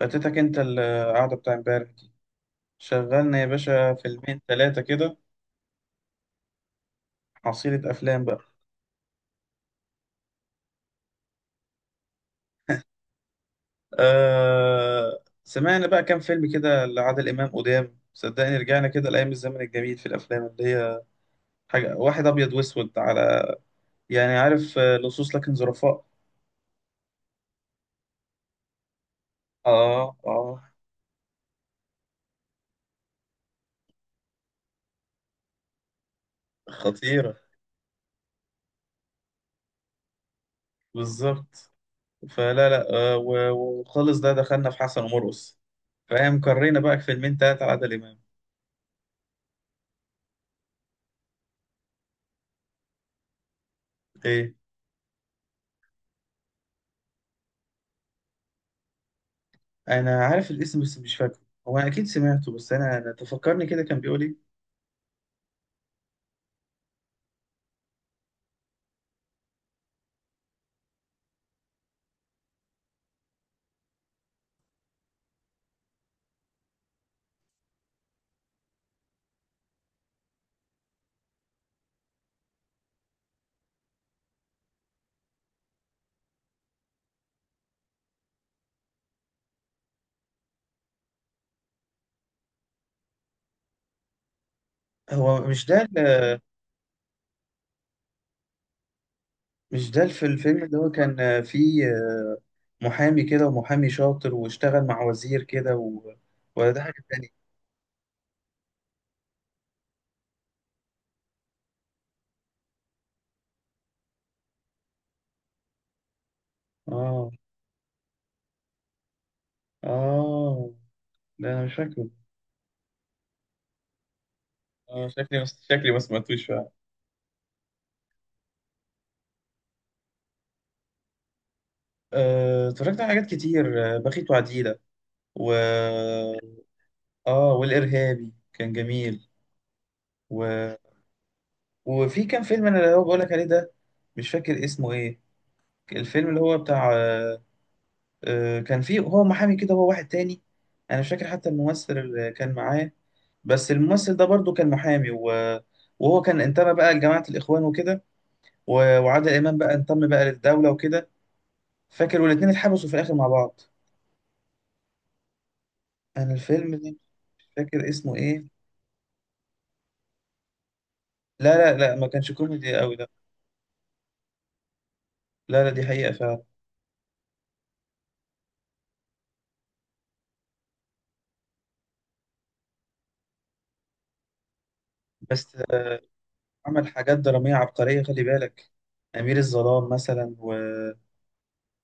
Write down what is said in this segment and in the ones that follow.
فاتتك انت القعدة بتاع امبارح دي. شغلنا يا باشا فيلمين ثلاثة كده، حصيلة أفلام بقى. آه سمعنا بقى كام فيلم كده لعادل إمام قدام، صدقني رجعنا كده لأيام الزمن الجميل في الأفلام اللي هي حاجة، واحد أبيض وأسود على يعني عارف، آه، لصوص لكن ظرفاء. آه آه، خطيرة. بالظبط. فلا لا آه و- وخالص ده دخلنا في حسن ومرقص، فاهم؟ قرينا بقى فيلمين تلاتة لعادل إمام. إيه؟ انا عارف الاسم بس مش فاكره. هو انا اكيد سمعته بس انا تفكرني كده كان بيقول ايه. هو مش ده ال- مش ده في الفيلم اللي هو كان فيه محامي كده ومحامي شاطر واشتغل مع وزير كده و... ولا ده حاجة تانية. اه، اه. لا انا مش فاكره. اه شكلي، بس شكلي ما سمعتوش فعلا. اتفرجت على حاجات كتير، بخيت وعديلة و... اه والارهابي كان جميل و... وفي كام فيلم انا اللي هو بقولك عليه ده، مش فاكر اسمه ايه. الفيلم اللي هو بتاع كان فيه هو محامي كده هو واحد تاني، انا مش فاكر حتى الممثل اللي كان معاه، بس الممثل ده برضو كان محامي وهو كان انتمى بقى لجماعة الإخوان وكده، وعادل إمام بقى انتمى بقى للدولة وكده. فاكر والاتنين اتحبسوا في الآخر مع بعض. أنا الفيلم ده مش فاكر اسمه إيه. لا لا لا، ما كانش كوميدي قوي ده. لا لا، دي حقيقة فعلا. بس عمل حاجات درامية عبقرية، خلي بالك، أمير الظلام مثلا،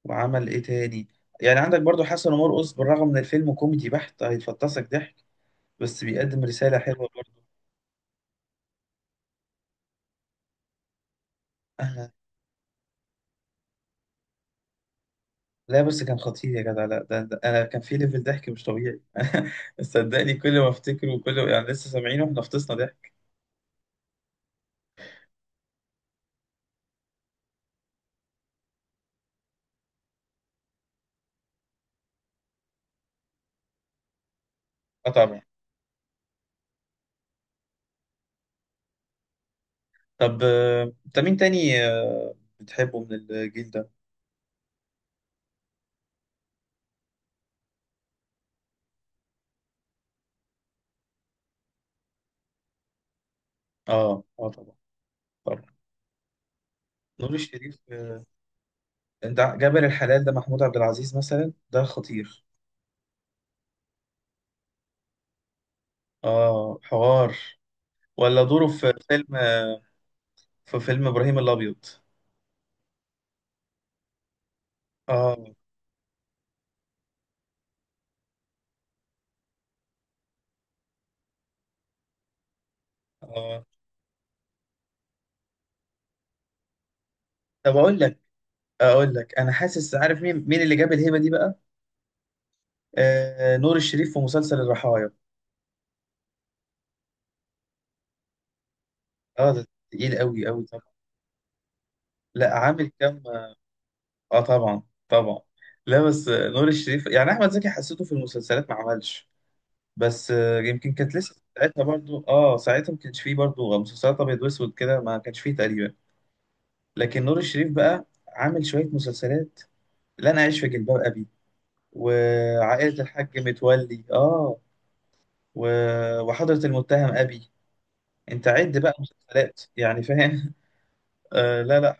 وعمل ايه تاني. يعني عندك برضو حسن ومرقص، بالرغم من الفيلم كوميدي بحت هيفطسك ضحك، بس بيقدم رسالة حلوة برضو. آه. لا بس كان خطير يا جدع، لا ده, ده انا كان في ليفل ضحك مش طبيعي. صدقني كل ما افتكره وكل يعني لسه سامعينه احنا فطسنا ضحك. اه طبعا. طب انت مين تاني بتحبه من الجيل ده؟ اه اه طبعا. طبعا. نور الشريف، جابر الحلال ده محمود عبد العزيز مثلا ده خطير. اه حوار. ولا دوره في فيلم، في فيلم ابراهيم الابيض. اه، اه. طب اقول لك، اقول لك انا حاسس عارف مين اللي جاب الهبه دي بقى. آه نور الشريف في مسلسل الرحايا. اه ده تقيل قوي قوي طبعا. لا عامل كام. اه طبعا. طبعا. لا بس نور الشريف، يعني احمد زكي حسيته في المسلسلات ما عملش. بس آه يمكن كانت لسه ساعتها برضو، اه ساعتها ما كانش فيه برضو مسلسلات ابيض واسود كده، ما كانش فيه تقريبا. لكن نور الشريف بقى عامل شويه مسلسلات، لا انا عايش في جلباب ابي، وعائلة الحاج متولي، اه، و... وحضرة المتهم أبي، انت عد بقى مسلسلات يعني فاهم. آه لا لا.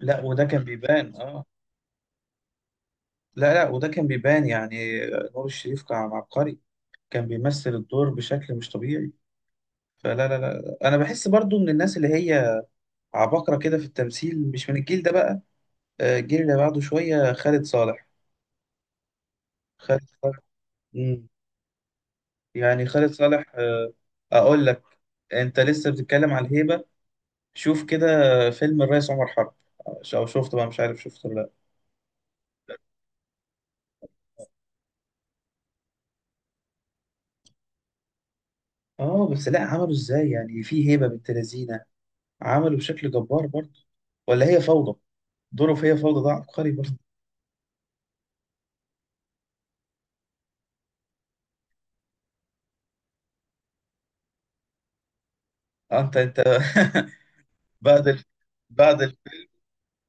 لا وده كان بيبان، اه. لا لا وده كان بيبان يعني، نور الشريف كان عبقري، كان بيمثل الدور بشكل مش طبيعي. فلا لا لا انا بحس برضو من الناس اللي هي عباقرة كده في التمثيل، مش من الجيل ده بقى، الجيل اللي بعده شوية، خالد صالح. خالد صالح. مم. يعني خالد صالح، اقول لك، انت لسه بتتكلم على الهيبة، شوف كده فيلم الريس عمر حرب. او شفته بقى، مش عارف شفته ولا لا؟ اه، بس لا عملوا ازاي يعني في هيبه بنت لذينه، عملوا بشكل جبار برضه. ولا هي فوضى، دوره في هي فوضى ده عبقري برضه. انت بعد ال... بعد ال...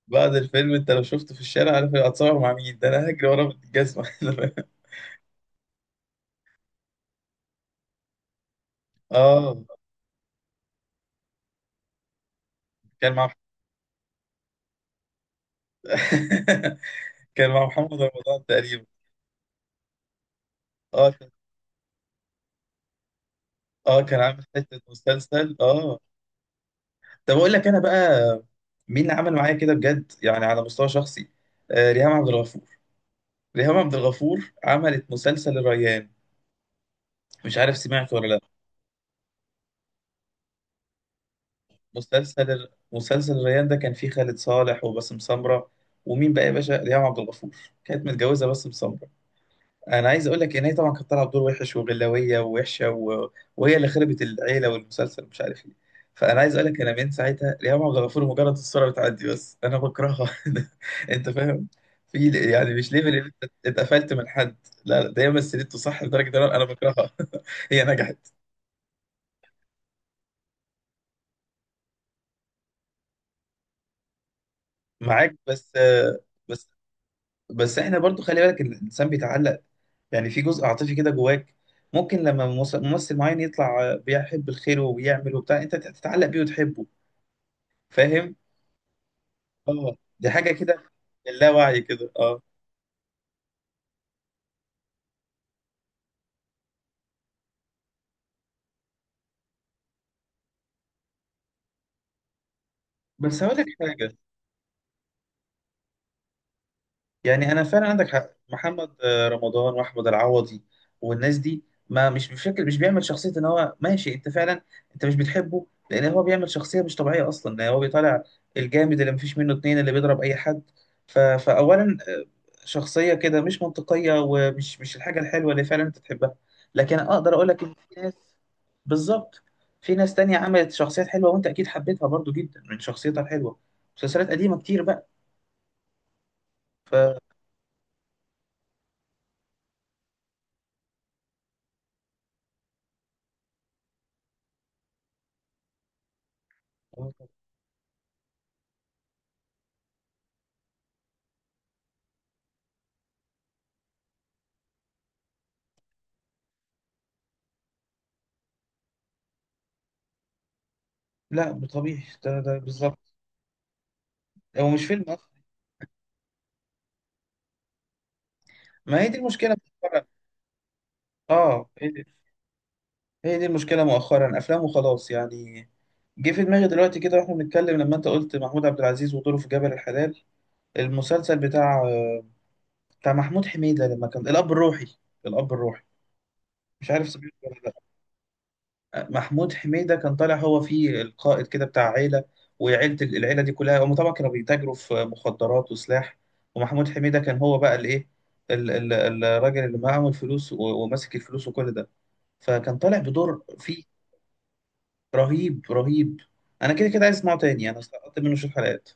بعد الفيلم انت لو شفته في الشارع، عارف هتصور مع مين؟ ده انا هجري ورا الجزمه. اه، كان مع كان مع محمد رمضان تقريبا. اه كان- اه كان عامل حته مسلسل، اه. طب اقول لك انا بقى، مين اللي عمل معايا كده بجد يعني على مستوى شخصي؟ ريهام عبد الغفور. ريهام عبد الغفور عملت مسلسل الريان، مش عارف سمعت ولا لا؟ مسلسل الريان ده كان فيه خالد صالح وباسم سمرة ومين بقى يا باشا، ريهام عبد الغفور، كانت متجوزة باسم سمرة. انا عايز اقول لك ان هي طبعا كانت طالعه بدور وحش وغلاويه ووحشه و... وهي اللي خربت العيله والمسلسل مش عارف ايه. فانا عايز اقول لك، انا من ساعتها ريهام عبد الغفور مجرد الصوره بتعدي بس انا بكرهها. انت فاهم؟ في يعني مش ليفل إن انت اتقفلت من حد، لا لا، ده هي مثلته صح لدرجه ان أنا بكرهها. هي نجحت معاك. بس بس احنا برضو خلي بالك إن الانسان بيتعلق، يعني في جزء عاطفي كده جواك، ممكن لما ممثل معين يطلع بيحب الخير وبيعمل وبتاع انت تتعلق بيه وتحبه، فاهم؟ اه دي حاجه كده، اللاوعي كده، اه. بس هقول لك حاجه، يعني انا فعلا عندك حق، محمد رمضان واحمد العوضي والناس دي، ما مش فاكر، مش بيعمل شخصيه ان هو ماشي، انت فعلا انت مش بتحبه لان هو بيعمل شخصيه مش طبيعيه اصلا، لان هو بيطلع الجامد اللي مفيش منه اتنين، اللي بيضرب اي حد. فاولا شخصيه كده مش منطقيه، ومش مش الحاجه الحلوه اللي فعلا انت تحبها. لكن اقدر اقول لك ان في ناس، بالظبط، في ناس تانية عملت شخصيات حلوه وانت اكيد حبيتها برضو جدا من شخصيتها الحلوه، مسلسلات قديمه كتير بقى. ف لا طبيعي، ده بالظبط، هو مش فيلم أصلا. ما هي دي المشكلة مؤخرا. اه هي دي المشكلة مؤخرا، أفلام وخلاص يعني. جه في دماغي دلوقتي كده واحنا بنتكلم، لما أنت قلت محمود عبد العزيز ودوره في جبل الحلال. المسلسل بتاع محمود حميدة لما كان الأب الروحي، الأب الروحي، مش عارف سمعته ولا لأ؟ محمود حميدة كان طالع هو فيه القائد كده بتاع عيلة، العيلة دي كلها هم طبعا كانوا بيتاجروا في مخدرات وسلاح، ومحمود حميدة كان هو بقى الايه، الراجل اللي معاه الفلوس وماسك الفلوس وكل ده، فكان طالع بدور فيه رهيب، رهيب. انا كده كده عايز اسمعه تاني، انا سقطت منه شوية حلقات.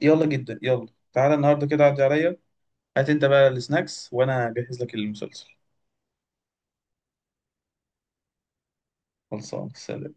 يلا جدا يلا، تعالى النهارده كده عدي عليا، هات انت بقى السناكس وانا اجهز لك المسلسل. خلصان، سلام.